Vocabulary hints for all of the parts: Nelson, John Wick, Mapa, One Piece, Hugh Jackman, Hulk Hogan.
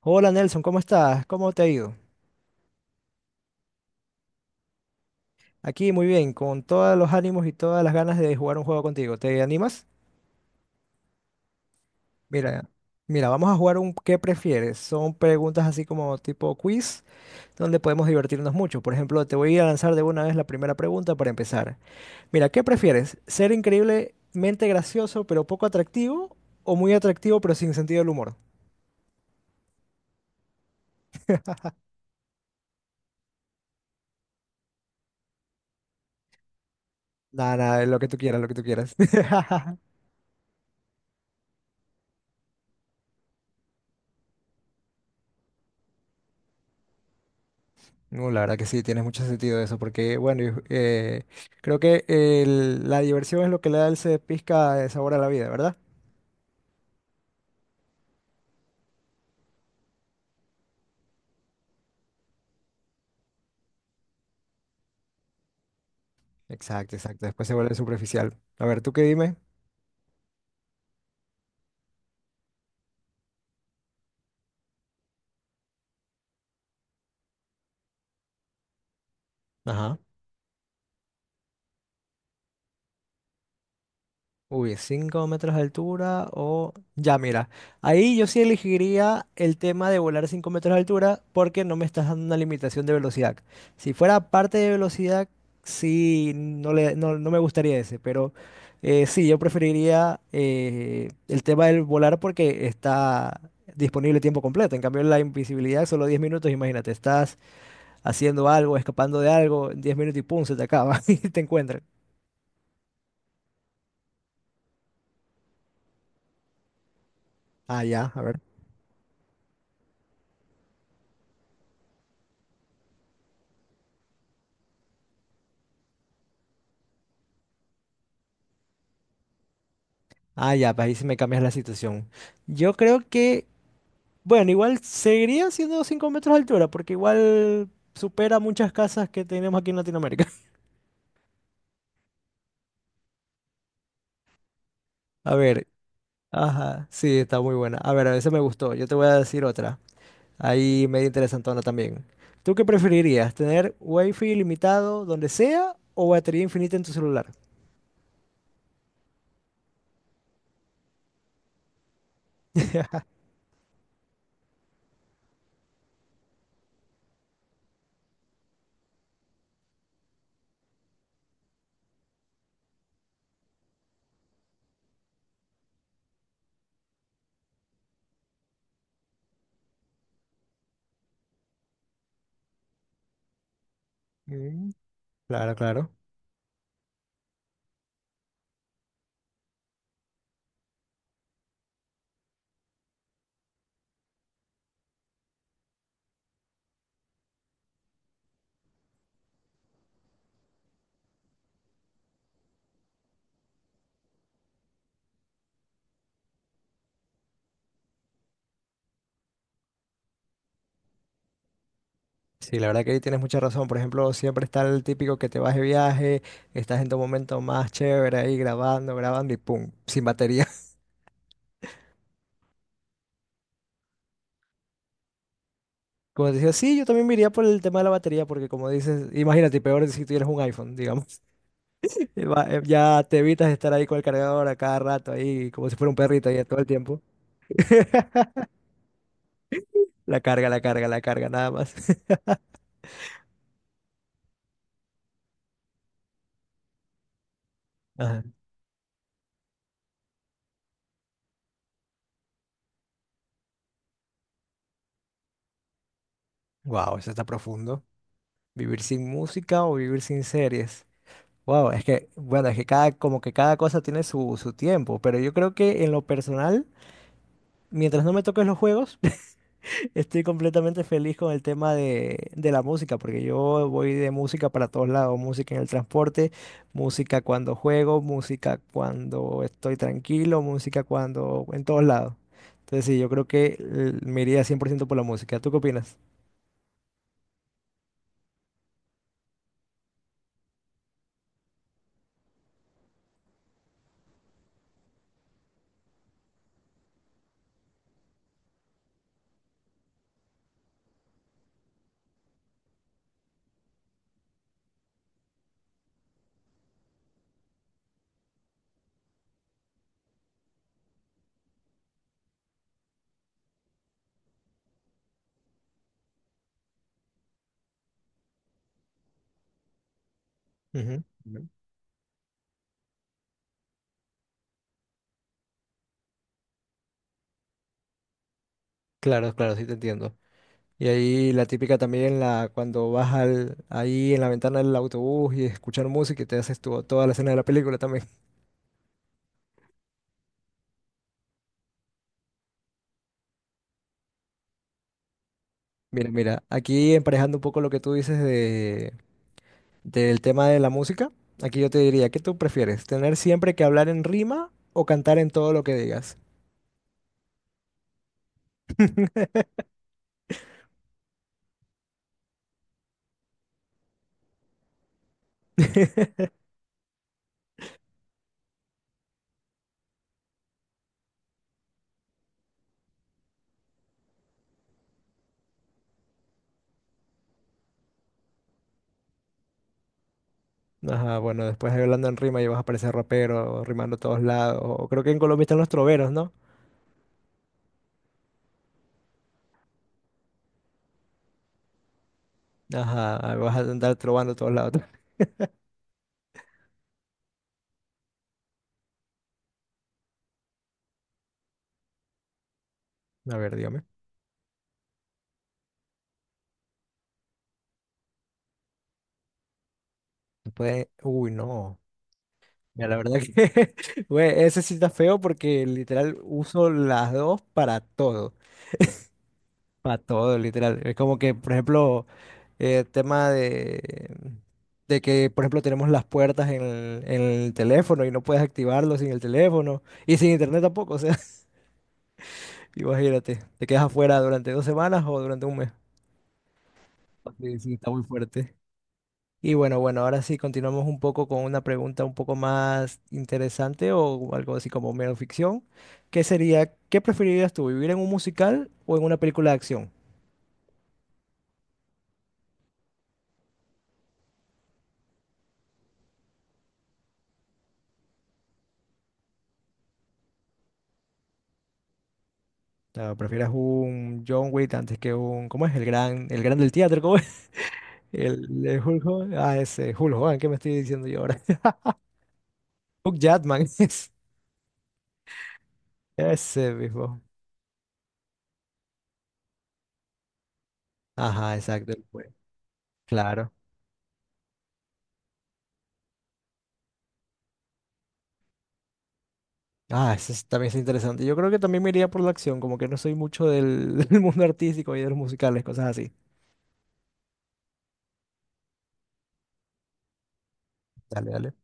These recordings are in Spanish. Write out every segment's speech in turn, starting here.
Hola Nelson, ¿cómo estás? ¿Cómo te ha ido? Aquí muy bien, con todos los ánimos y todas las ganas de jugar un juego contigo. ¿Te animas? Mira, mira, vamos a jugar un ¿qué prefieres? Son preguntas así como tipo quiz, donde podemos divertirnos mucho. Por ejemplo, te voy a lanzar de una vez la primera pregunta para empezar. Mira, ¿qué prefieres? ¿Ser increíblemente gracioso pero poco atractivo o muy atractivo pero sin sentido del humor? Nada, nada, lo que tú quieras, lo que tú quieras. No, la verdad que sí, tienes mucho sentido eso, porque bueno, yo, creo que la diversión es lo que le da ese pizca de sabor a la vida, ¿verdad? Exacto, exacto. Después se vuelve superficial. A ver, ¿tú qué dime? Ajá. Uy, 5 metros de altura o ya, mira, ahí yo sí elegiría el tema de volar 5 metros de altura porque no me estás dando una limitación de velocidad. Si fuera parte de velocidad, sí, no, no, no me gustaría ese, pero sí, yo preferiría el tema del volar porque está disponible tiempo completo. En cambio, la invisibilidad, solo 10 minutos, imagínate, estás haciendo algo, escapando de algo, 10 minutos y pum, se te acaba y te encuentran. Ah, ya, a ver. Ah, ya, pues ahí sí me cambias la situación. Yo creo que, bueno, igual seguiría siendo 5 metros de altura, porque igual supera muchas casas que tenemos aquí en Latinoamérica. A ver, ajá, sí, está muy buena. A ver, a veces me gustó. Yo te voy a decir otra. Ahí medio interesantona también. ¿Tú qué preferirías? ¿Tener wifi ilimitado donde sea o batería infinita en tu celular? Mm. Claro, claro. Sí, la verdad que ahí tienes mucha razón. Por ejemplo, siempre está el típico que te vas de viaje, estás en tu momento más chévere ahí grabando, grabando y pum, sin batería. Como te decía, sí, yo también me iría por el tema de la batería, porque como dices, imagínate, peor si tuvieras un iPhone, digamos. Ya te evitas estar ahí con el cargador a cada rato, ahí como si fuera un perrito ahí todo el tiempo. La carga, la carga, la carga, nada más. Ajá. Wow, eso está profundo. ¿Vivir sin música o vivir sin series? Wow, es que, bueno, es que cada, como que cada cosa tiene su tiempo, pero yo creo que en lo personal, mientras no me toques los juegos, estoy completamente feliz con el tema de la música, porque yo voy de música para todos lados, música en el transporte, música cuando juego, música cuando estoy tranquilo, música cuando, en todos lados. Entonces sí, yo creo que me iría 100% por la música. ¿Tú qué opinas? Ujú. Ujú. Claro, claro, sí te entiendo. Y ahí la típica también, cuando vas ahí en la ventana del autobús y escuchar música y te haces toda la escena de la película también. Mira, mira, aquí emparejando un poco lo que tú dices de, del tema de la música, aquí yo te diría, ¿qué tú prefieres? ¿Tener siempre que hablar en rima o cantar en todo lo que digas? Ajá, bueno, después hablando en rima y vas a parecer rapero, rimando a todos lados. O creo que en Colombia están los troveros, ¿no? Ajá, vas a andar trovando a todos lados. A ver, dígame. Uy, no. Mira, la verdad que, güey, ese sí está feo porque literal uso las dos para todo, literal. Es como que, por ejemplo, tema de, que, por ejemplo, tenemos las puertas en el teléfono y no puedes activarlo sin el teléfono y sin internet tampoco, o sea, imagínate, te quedas afuera durante 2 semanas o durante un mes. Sí, sí, está muy fuerte. Y bueno, bueno, ahora sí continuamos un poco con una pregunta un poco más interesante o algo así como mero ficción, que sería, ¿qué preferirías tú, vivir en un musical o en una película de acción? O sea, ¿prefieres un John Wick antes que un, ¿cómo es? El gran del teatro, ¿cómo es? El Hulk Hogan, ah, ese, Hulk Hogan, ¿qué me estoy diciendo yo ahora? Hugh Jackman, ese mismo. Ajá, exacto, el juez. Claro. Ah, también es interesante. Yo creo que también me iría por la acción, como que no soy mucho del, del mundo artístico y de los musicales, cosas así. Dale, dale.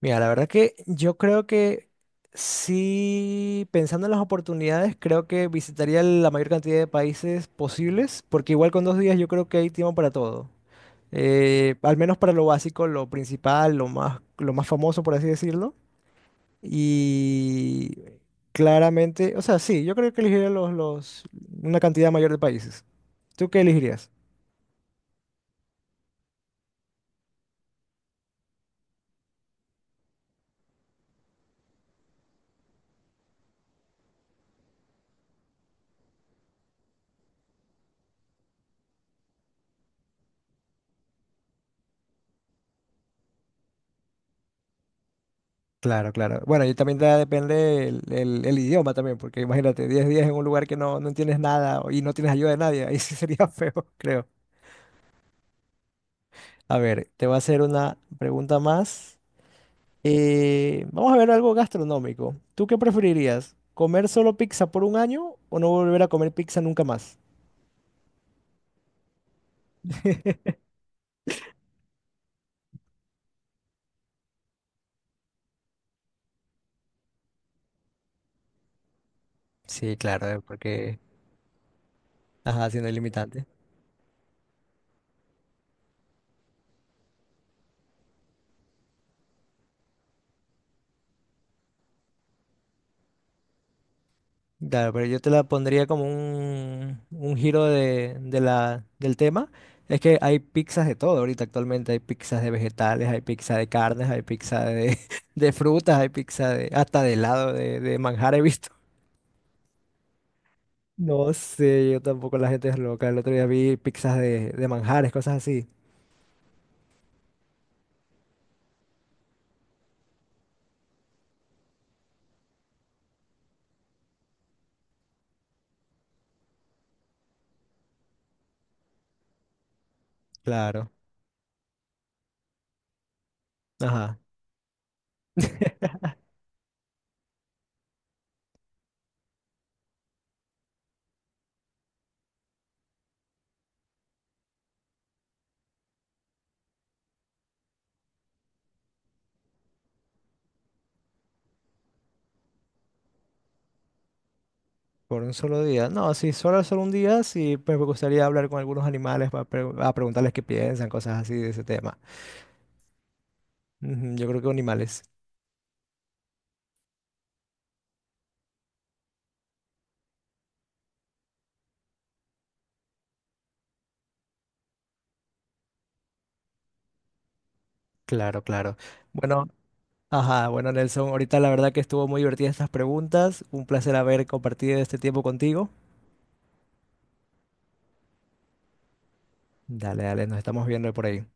Mira, la verdad que yo creo que sí, pensando en las oportunidades, creo que visitaría la mayor cantidad de países posibles, porque igual con 2 días yo creo que hay tiempo para todo. Al menos para lo básico, lo principal, lo más famoso, por así decirlo. Y claramente, o sea, sí, yo creo que elegiría una cantidad mayor de países. ¿Tú qué elegirías? Claro, claro. Bueno, y también depende el idioma también, porque imagínate, 10 días en un lugar que no, no entiendes nada y no tienes ayuda de nadie, ahí sí sería feo, creo. A ver, te voy a hacer una pregunta más. Vamos a ver algo gastronómico. ¿Tú qué preferirías? ¿Comer solo pizza por un año o no volver a comer pizza nunca más? Sí, claro, Ajá, siendo limitante. Claro, pero yo te la pondría como un giro de, del tema. Es que hay pizzas de todo ahorita actualmente. Hay pizzas de vegetales, hay pizza de carnes, hay pizza de, de frutas, hay pizza de, hasta de helado, de manjar he visto. No sé, yo tampoco, la gente es loca. El otro día vi pizzas de manjares, cosas así. Claro. Ajá. Por un solo día. No, sí, solo, solo un día, sí, pues me gustaría hablar con algunos animales para a preguntarles qué piensan, cosas así de ese tema. Ujú. Yo creo que animales. Claro, claro. Bueno, ajá, bueno, Nelson, ahorita la verdad que estuvo muy divertida estas preguntas. Un placer haber compartido este tiempo contigo. Dale, dale, nos estamos viendo por ahí.